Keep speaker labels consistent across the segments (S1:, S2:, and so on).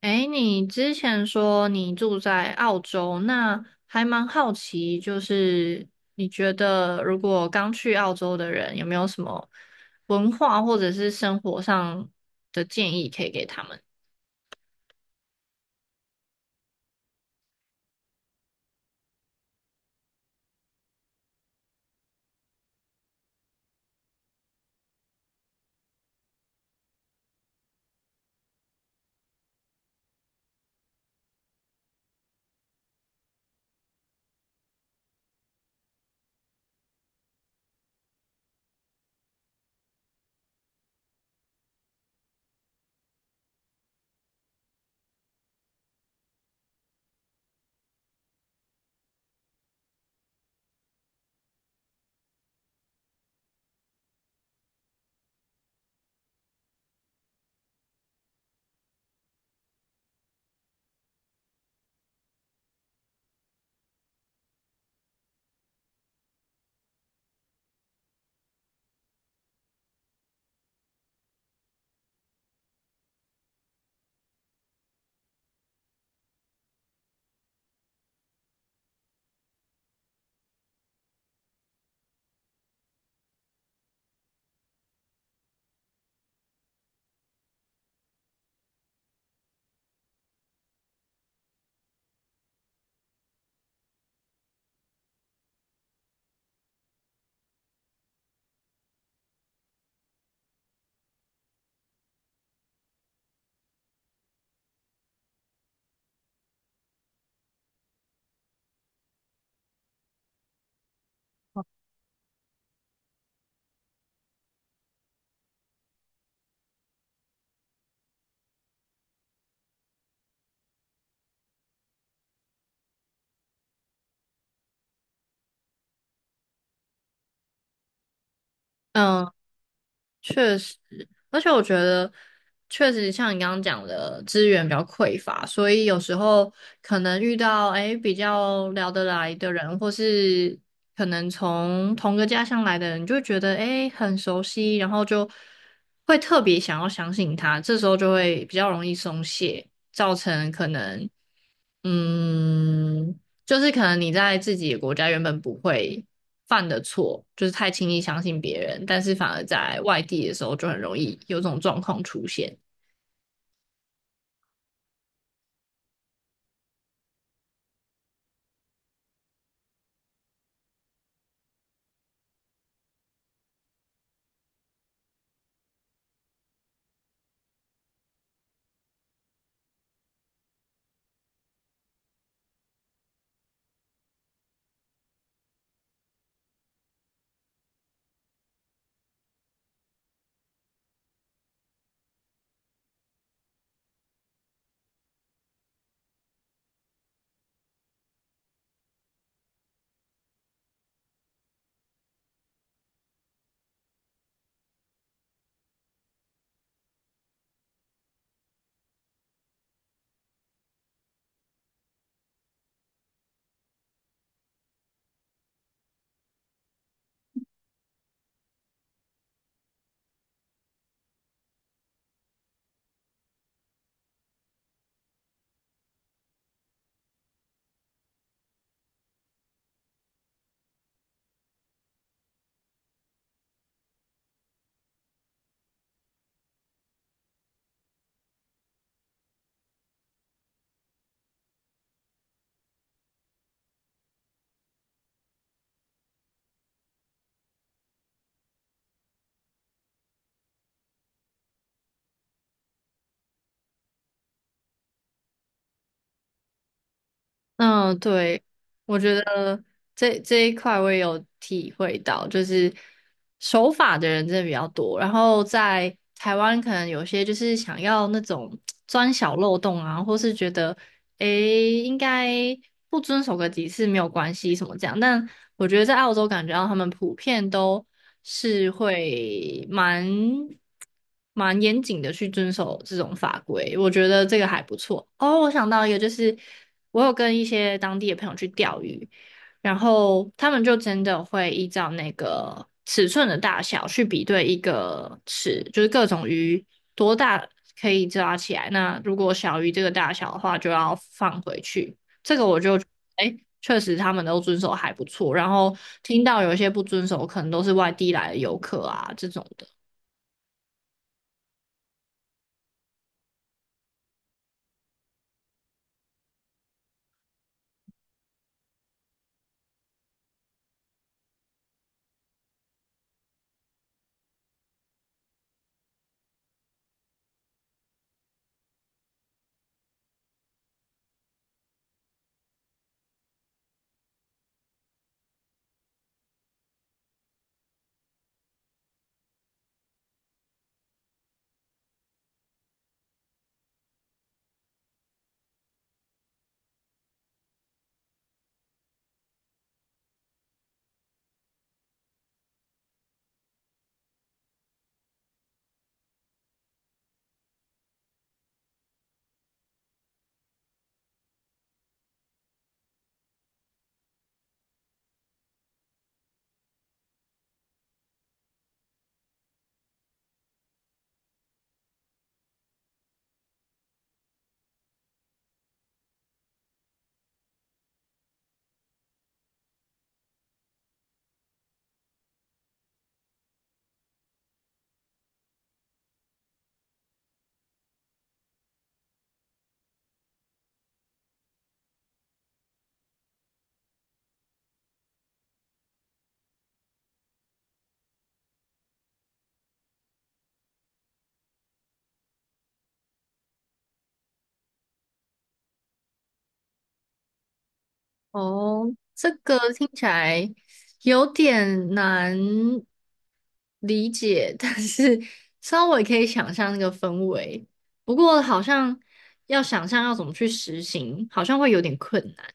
S1: 诶，你之前说你住在澳洲，那还蛮好奇，就是你觉得如果刚去澳洲的人有没有什么文化或者是生活上的建议可以给他们？嗯。确实，而且我觉得确实像你刚刚讲的，资源比较匮乏，所以有时候可能遇到诶比较聊得来的人，或是可能从同个家乡来的人，就会觉得诶很熟悉，然后就会特别想要相信他，这时候就会比较容易松懈，造成可能嗯。就是可能你在自己的国家原本不会犯的错，就是太轻易相信别人，但是反而在外地的时候就很容易有这种状况出现。嗯，对，我觉得这一块我也有体会到，就是守法的人真的比较多，然后在台湾可能有些就是想要那种 钻小漏洞啊，或是觉得诶应该不遵守个几次没有关系什么这样，但我觉得在澳洲感觉到他们普遍都是会蛮严谨的去遵守这种法规，我觉得这个还不错。哦，我想到一个，就是我有跟一些当地的朋友去钓鱼，然后他们就真的会依照那个尺寸的大小去比对一个尺，就是各种鱼多大可以抓起来。那如果小于这个大小的话，就要放回去。这个我就哎，确实他们都遵守还不错。然后听到有一些不遵守，可能都是外地来的游客啊这种的。哦，这个听起来有点难理解，但是稍微可以想象那个氛围。不过好像要想象要怎么去实行，好像会有点困难。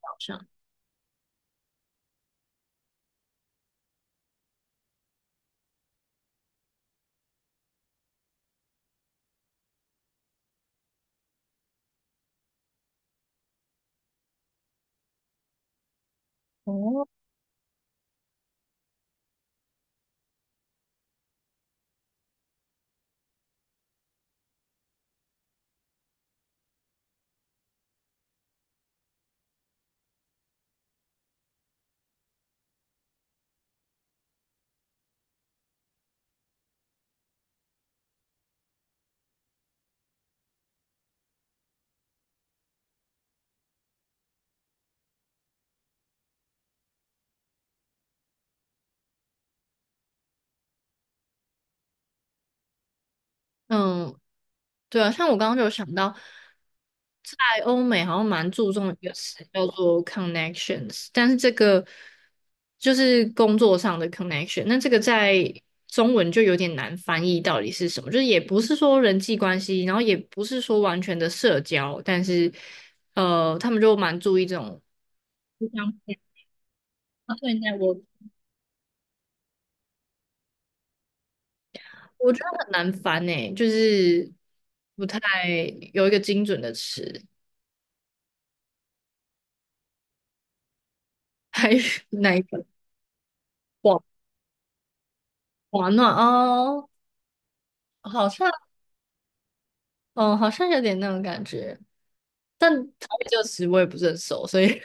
S1: 好像，哦，嗯，对啊，像我刚刚就有想到，在欧美好像蛮注重一个词叫做 connections，但是这个就是工作上的 connection，那这个在中文就有点难翻译到底是什么，就是也不是说人际关系，然后也不是说完全的社交，但是他们就蛮注意这种互相对待。我觉得很难翻诶，就是不太有一个精准的词，还是哪一个？暖暖哦，好像，嗯，好像有点那种感觉，但台语这个词我也不是很熟，所以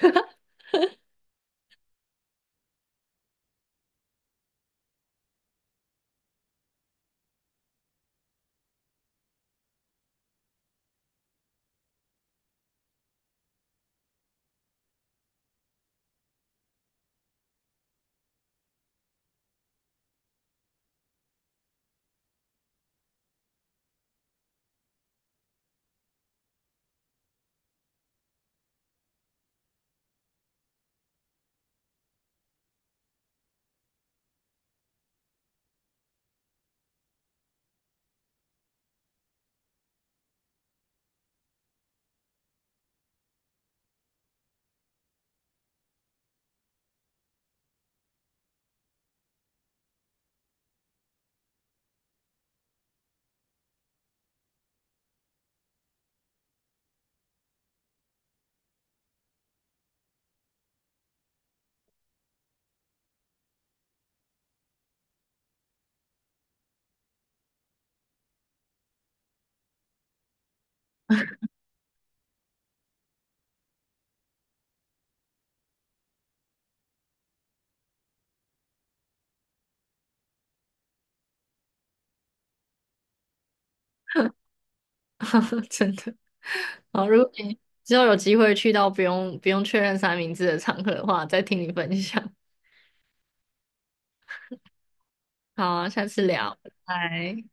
S1: 真的，好，如果你之后有机会去到不用不用确认三明治的场合的话，再听你分享。好啊，下次聊，拜拜。